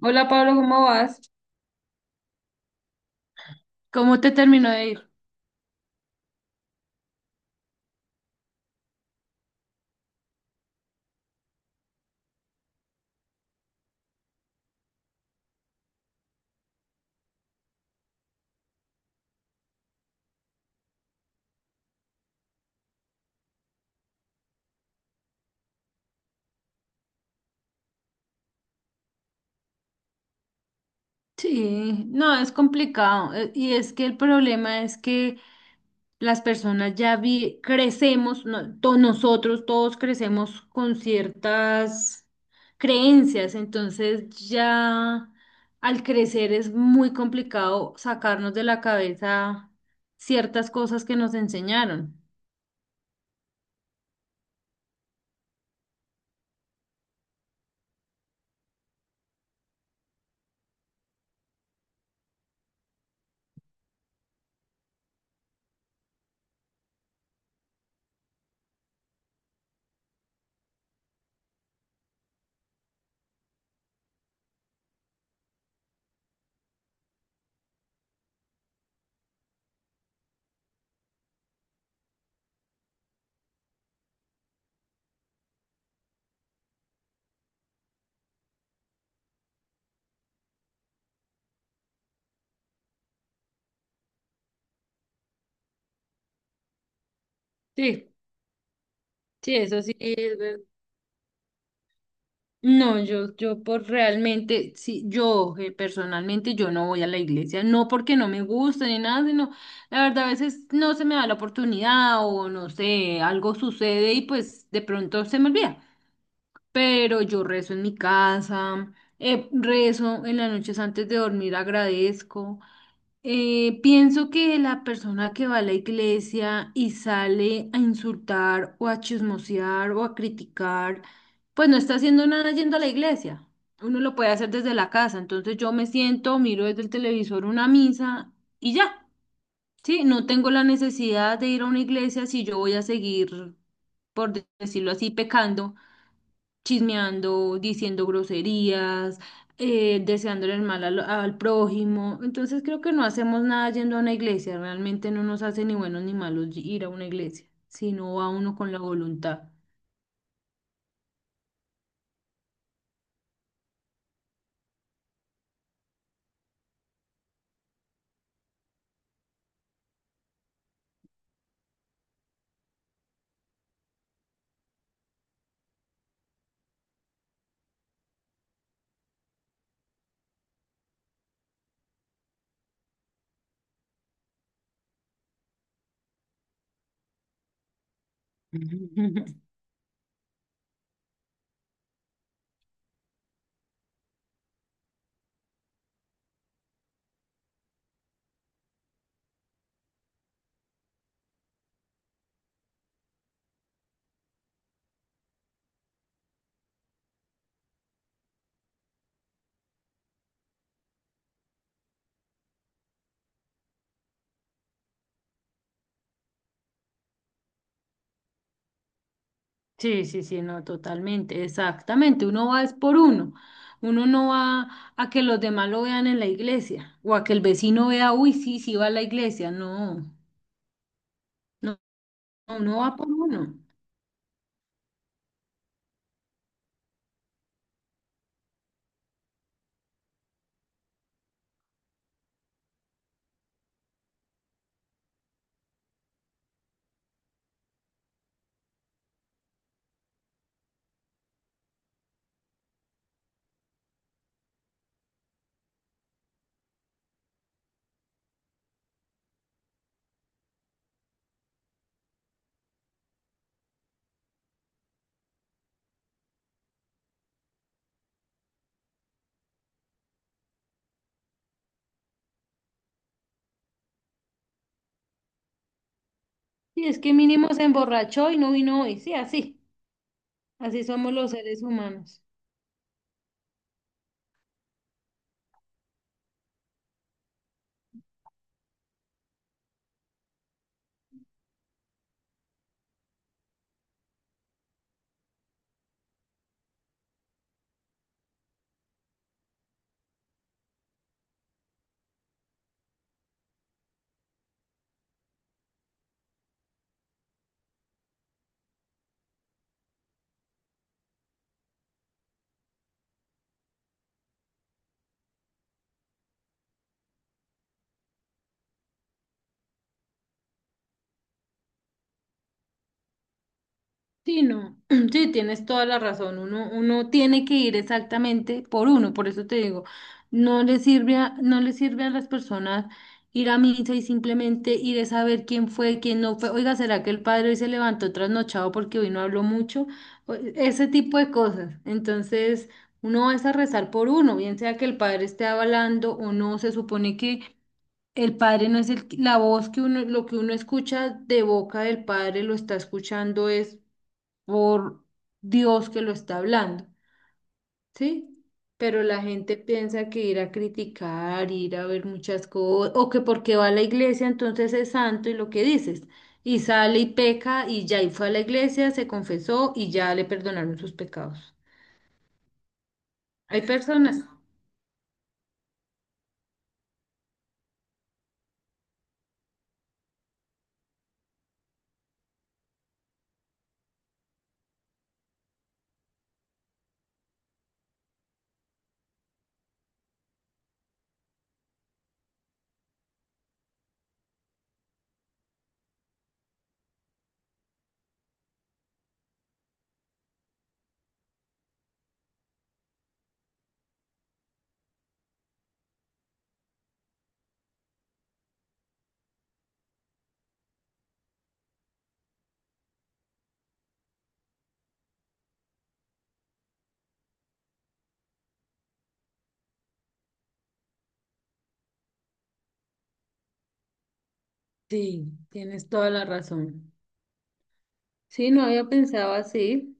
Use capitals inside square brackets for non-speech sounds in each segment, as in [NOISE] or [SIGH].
Hola Pablo, ¿cómo vas? ¿Cómo te terminó de ir? Sí, no, es complicado. Y es que el problema es que las personas crecemos, nosotros todos crecemos con ciertas creencias, entonces ya al crecer es muy complicado sacarnos de la cabeza ciertas cosas que nos enseñaron. Sí, sí, eso sí. No, yo por realmente, sí, yo personalmente yo no voy a la iglesia, no porque no me guste ni nada, sino la verdad a veces no se me da la oportunidad o no sé, algo sucede y pues de pronto se me olvida. Pero yo rezo en mi casa, rezo en las noches antes de dormir, agradezco. Pienso que la persona que va a la iglesia y sale a insultar o a chismosear o a criticar, pues no está haciendo nada yendo a la iglesia. Uno lo puede hacer desde la casa. Entonces yo me siento, miro desde el televisor una misa y ya. Sí, no tengo la necesidad de ir a una iglesia si yo voy a seguir, por decirlo así, pecando, chismeando, diciendo groserías, deseándole el mal al prójimo. Entonces creo que no hacemos nada yendo a una iglesia, realmente no nos hace ni buenos ni malos ir a una iglesia, sino va uno con la voluntad. [LAUGHS] Sí, sí, sí, no, totalmente, exactamente. Uno va es por uno. Uno no va a que los demás lo vean en la iglesia o a que el vecino vea, uy, sí, sí va a la iglesia. No, no, no, uno va por uno. Sí, es que mínimo se emborrachó y no vino hoy, sí, así. Así somos los seres humanos. Sí, no, [CLEARS THROAT] sí, tienes toda la razón. Uno tiene que ir exactamente por uno, por eso te digo, no le sirve a las personas ir a misa y simplemente ir a saber quién fue, quién no fue. Oiga, ¿será que el padre hoy se levantó trasnochado porque hoy no habló mucho? Ese tipo de cosas. Entonces, uno va a rezar por uno, bien sea que el padre esté hablando o no, se supone que el padre no es la voz que uno, lo que uno escucha de boca del padre lo está escuchando es por Dios que lo está hablando, ¿sí? Pero la gente piensa que ir a criticar, ir a ver muchas cosas, o que porque va a la iglesia entonces es santo y lo que dices, y sale y peca y ya y fue a la iglesia, se confesó y ya le perdonaron sus pecados. Hay personas. Sí, tienes toda la razón. Sí, no había pensado así.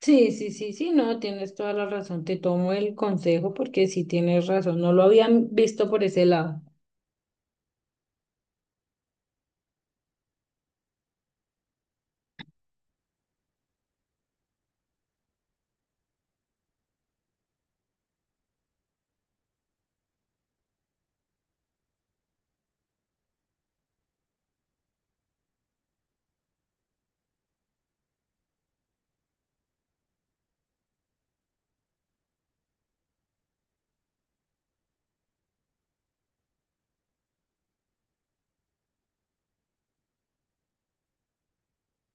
Sí, sí, sí, sí, no, tienes toda la razón. Te tomo el consejo porque sí tienes razón. No lo habían visto por ese lado.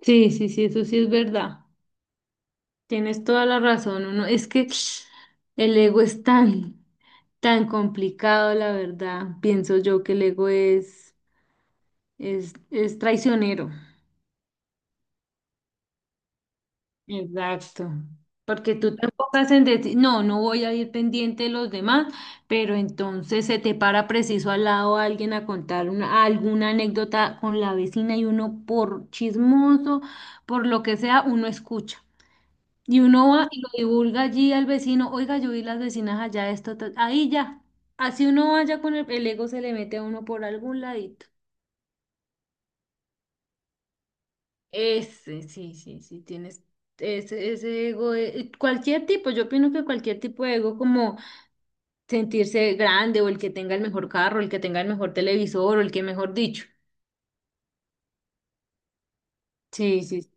Sí, sí, sí, eso sí es verdad. Tienes toda la razón. Uno, es que [SNIFFS] el ego es tan, tan complicado, la verdad. Pienso yo que el ego es, es traicionero. Exacto. Porque tú te enfocas en decir, no, no voy a ir pendiente de los demás, pero entonces se te para preciso al lado alguien a contar alguna anécdota con la vecina y uno por chismoso, por lo que sea, uno escucha. Y uno va y lo divulga allí al vecino, oiga, yo vi las vecinas allá, esto, ta-". Ahí ya. Así uno vaya con el ego, se le mete a uno por algún ladito. Ese, sí, sí, sí, tienes ese, ese ego, cualquier tipo, yo opino que cualquier tipo de ego, como sentirse grande o el que tenga el mejor carro, el que tenga el mejor televisor o el que mejor dicho. Sí, sí,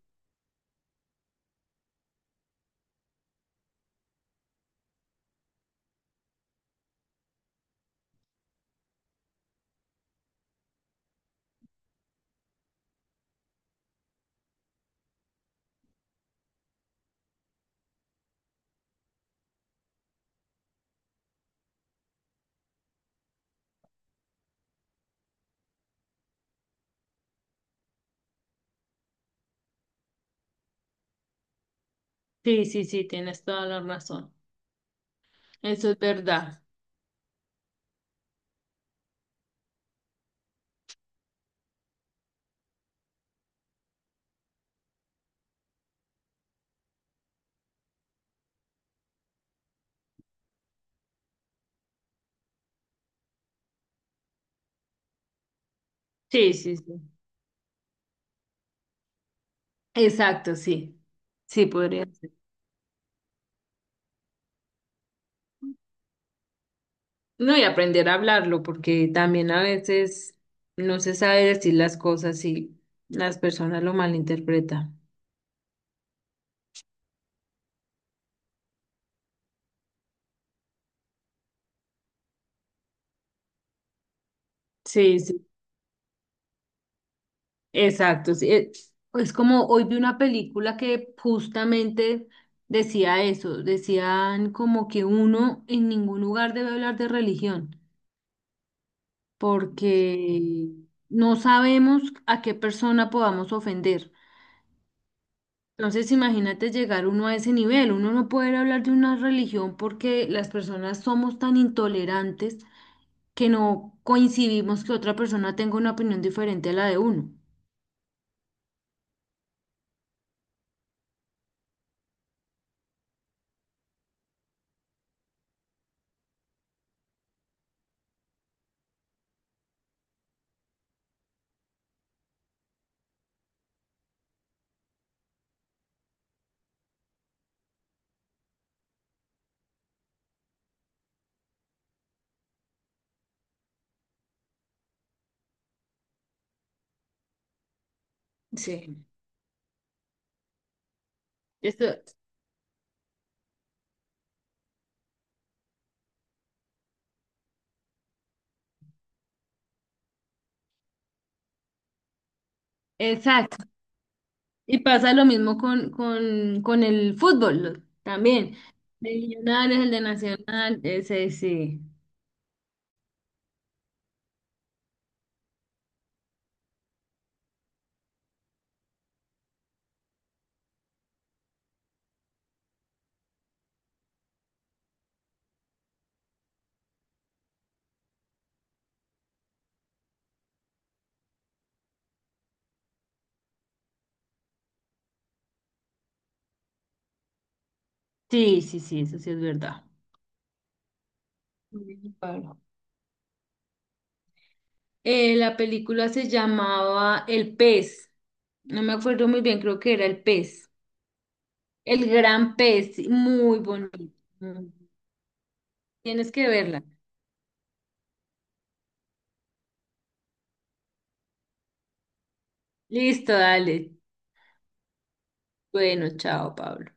sí, sí, sí, tienes toda la razón. Eso es verdad. Sí, sí, sí. Exacto, sí. Sí, podría ser. No, y aprender a hablarlo, porque también a veces no se sabe decir las cosas y las personas lo malinterpretan. Sí, sí. Exacto, sí, es como hoy vi una película que justamente decía eso, decían como que uno en ningún lugar debe hablar de religión, porque no sabemos a qué persona podamos ofender. Entonces imagínate llegar uno a ese nivel, uno no puede hablar de una religión porque las personas somos tan intolerantes que no coincidimos que otra persona tenga una opinión diferente a la de uno. Sí. Eso, exacto. Y pasa lo mismo con, con el fútbol también. De Millonarios, el de Nacional, ese sí. Sí, sí, sí, eso sí es verdad. Ujú, Pablo. La película se llamaba El Pez. No me acuerdo muy bien, creo que era El Pez. El Gran Pez, sí, muy bonito. Ujú. Tienes que verla. Listo, dale. Bueno, chao, Pablo.